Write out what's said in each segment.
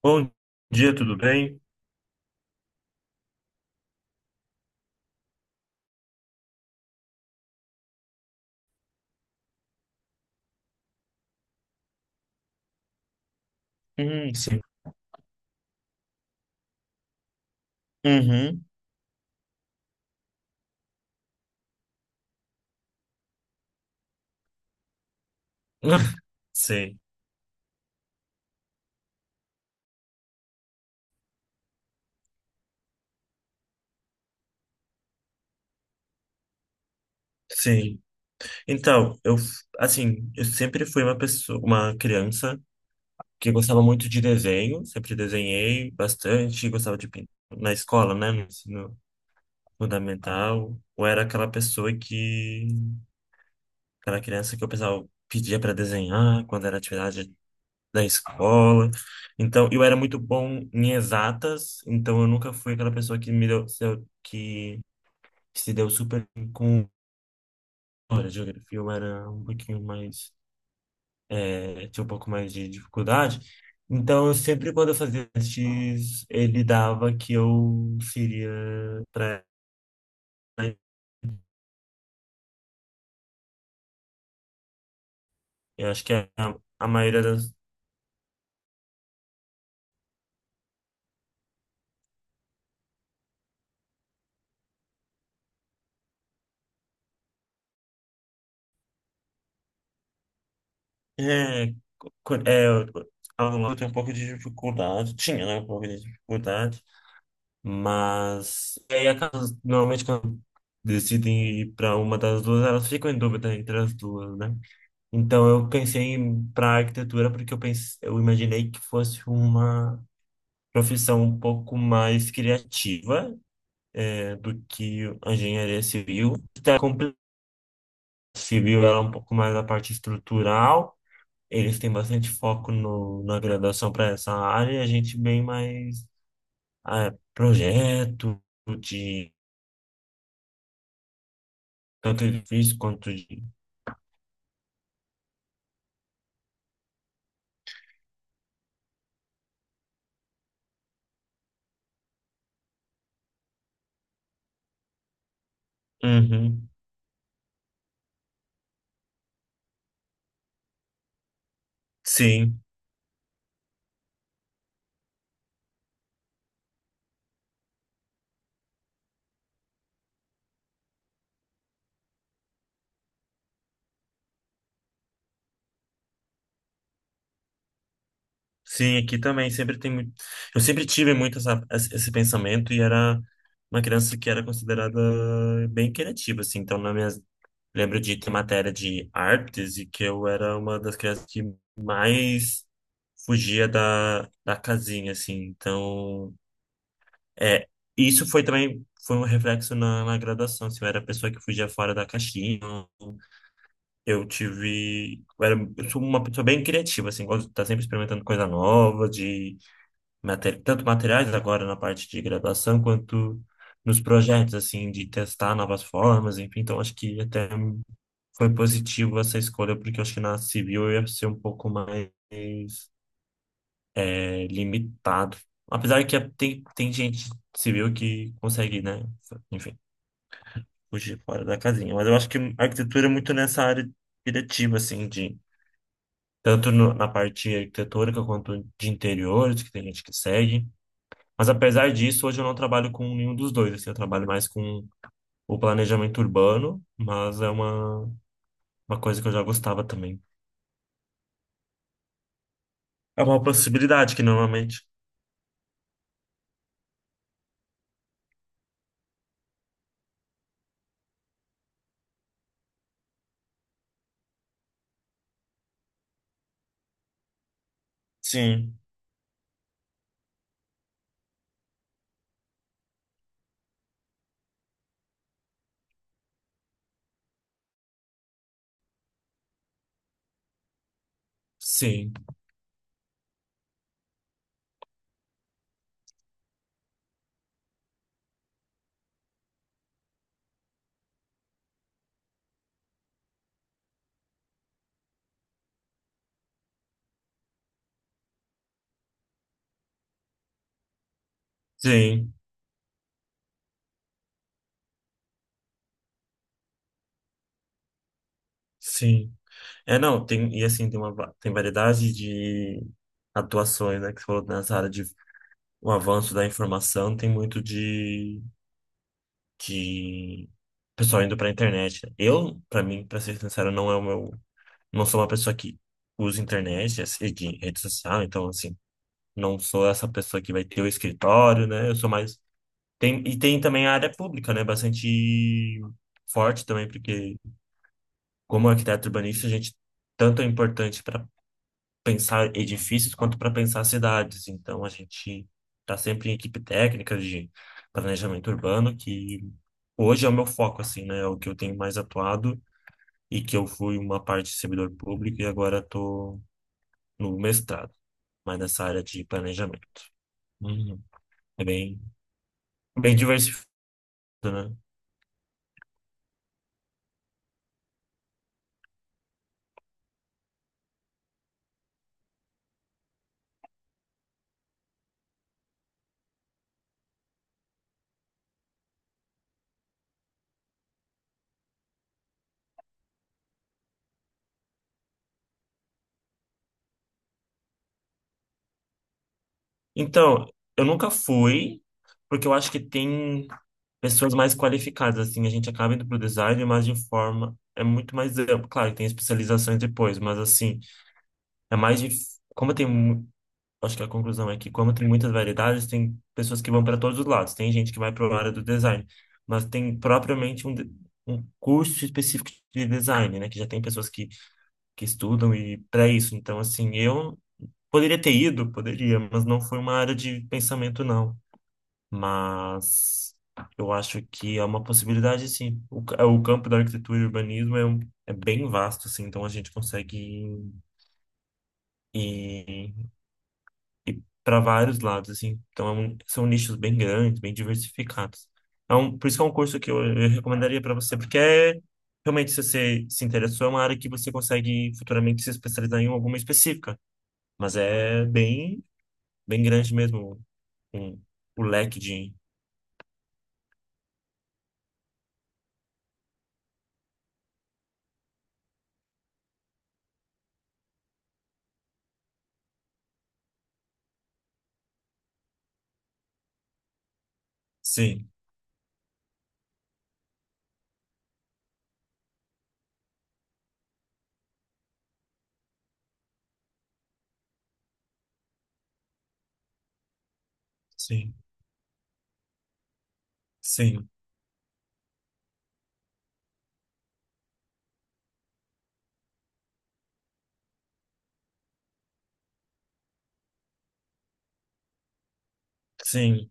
Bom dia, tudo bem? Sim. Uhum. Sim, sim. Então, eu, assim, eu sempre fui uma pessoa, uma criança que gostava muito de desenho, sempre desenhei bastante, gostava de pintar na escola, né, no ensino fundamental. Eu era aquela pessoa que, aquela criança que o pessoal pedia para desenhar quando era atividade da escola. Então, eu era muito bom em exatas, então eu nunca fui aquela pessoa que me deu, que se deu super bem com a geografia, eu era um pouquinho mais, tinha um pouco mais de dificuldade. Então, eu sempre quando eu fazia testes, ele dava que eu seria para eu acho que é a maioria das. É, co- é, aluno lá eu tenho um pouco de dificuldade. Tinha, né? Um pouco de dificuldade. Mas. E aí, a casa, normalmente, quando decidem ir para uma das duas, elas ficam em dúvida entre as duas, né? Então eu pensei para arquitetura porque eu pense eu imaginei que fosse uma profissão um pouco mais criativa, do que a engenharia civil. Está complicado. Civil ela é um pouco mais a parte estrutural. Eles têm bastante foco no, na graduação para essa área e a gente bem mais projeto de tanto edifício quanto de. Uhum. Sim. Sim, aqui também sempre tem muito. Eu sempre tive muito essa, esse pensamento e era uma criança que era considerada bem criativa, assim. Então, na minha lembro de ter matéria de artes e que eu era uma das crianças que mais fugia da casinha, assim. Então, é, isso foi também foi um reflexo na graduação, assim. Eu era a pessoa que fugia fora da caixinha. Eu tive, eu era, eu sou uma pessoa bem criativa, assim, gosto de estar sempre experimentando coisa nova, de tanto materiais agora na parte de graduação, quanto nos projetos, assim, de testar novas formas, enfim. Então, acho que até foi positivo essa escolha, porque eu acho que na civil eu ia ser um pouco mais limitado. Apesar que tem gente civil que consegue, né, enfim, fugir fora da casinha. Mas eu acho que a arquitetura é muito nessa área diretiva, assim, de tanto na parte arquitetônica quanto de interiores, que tem gente que segue. Mas apesar disso, hoje eu não trabalho com nenhum dos dois, assim, eu trabalho mais com o planejamento urbano, mas é uma coisa que eu já gostava também. É uma possibilidade que normalmente. Sim, sim, sim, sim. É, não, tem, e assim, tem uma, tem variedade de atuações, né, que você falou nessa área de o avanço da informação, tem muito de pessoal indo pra internet, né. Eu, pra mim, pra ser sincero, não é o meu não sou uma pessoa que usa internet, assim, de rede social, então, assim, não sou essa pessoa que vai ter o escritório, né? Eu sou mais. Tem, e tem também a área pública, né? Bastante forte também, porque como arquiteto urbanista, a gente tanto é importante para pensar edifícios quanto para pensar cidades. Então, a gente está sempre em equipe técnica de planejamento urbano, que hoje é o meu foco, assim, né? É o que eu tenho mais atuado. E que eu fui uma parte de servidor público e agora estou no mestrado, mas nessa área de planejamento. Uhum. É bem, bem diversificado, né? Então, eu nunca fui, porque eu acho que tem pessoas mais qualificadas, assim, a gente acaba indo para o design, mas de forma é muito mais amplo. Claro, que tem especializações depois, mas assim, é mais de como tem acho que a conclusão é que, como tem muitas variedades, tem pessoas que vão para todos os lados. Tem gente que vai para a área do design, mas tem propriamente um, um curso específico de design, né? Que já tem pessoas que estudam e para isso. Então, assim, eu poderia ter ido, poderia, mas não foi uma área de pensamento, não. Mas eu acho que é uma possibilidade, sim. O, o campo da arquitetura e urbanismo é, é bem vasto, assim, então a gente consegue ir, para vários lados, assim. Então, são nichos bem grandes, bem diversificados. É um, por isso que é um curso que eu recomendaria para você, porque é, realmente, se você se interessou, é uma área que você consegue futuramente se especializar em alguma específica. Mas é bem, bem grande mesmo um, o leque de. Sim, sim, sim, sim,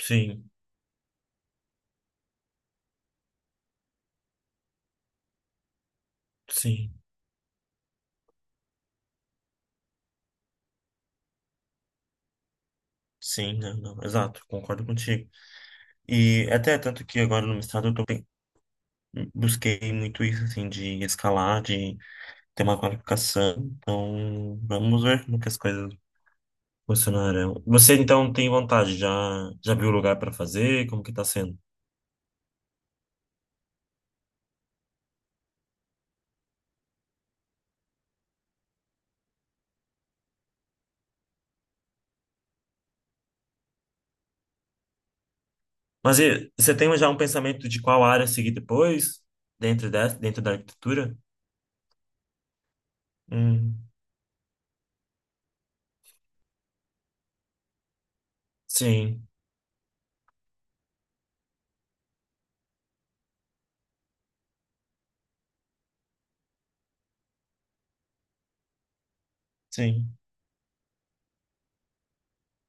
sim, sim, sim, não, não, exato, concordo contigo. E até tanto que agora no mestrado eu tô, busquei muito isso, assim, de escalar, de ter uma qualificação. Então, vamos ver como que as coisas funcionarão. Você então tem vontade? Já, já viu o lugar para fazer? Como que tá sendo? Mas e, você tem já um pensamento de qual área seguir depois, dentro dessa, dentro da arquitetura? Hum, sim, sim.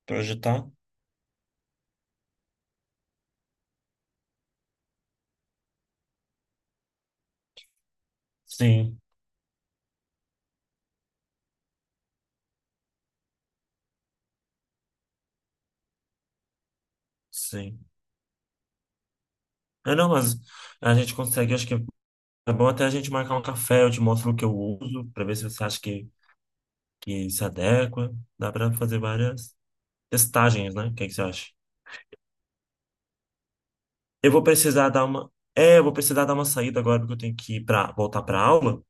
Projetar? Sim, sim. Ah, não, mas a gente consegue, acho que é bom até a gente marcar um café, eu te mostro o que eu uso, para ver se você acha que se adequa. Dá para fazer várias testagens, né? O que que você acha? Eu vou precisar dar uma. É, eu vou precisar dar uma saída agora, porque eu tenho que ir para voltar para aula.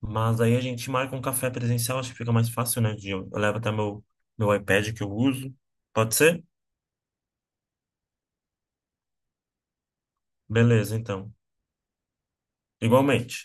Mas aí a gente marca um café presencial, acho que fica mais fácil, né? Eu levo até meu, iPad que eu uso. Pode ser? Beleza, então. Igualmente.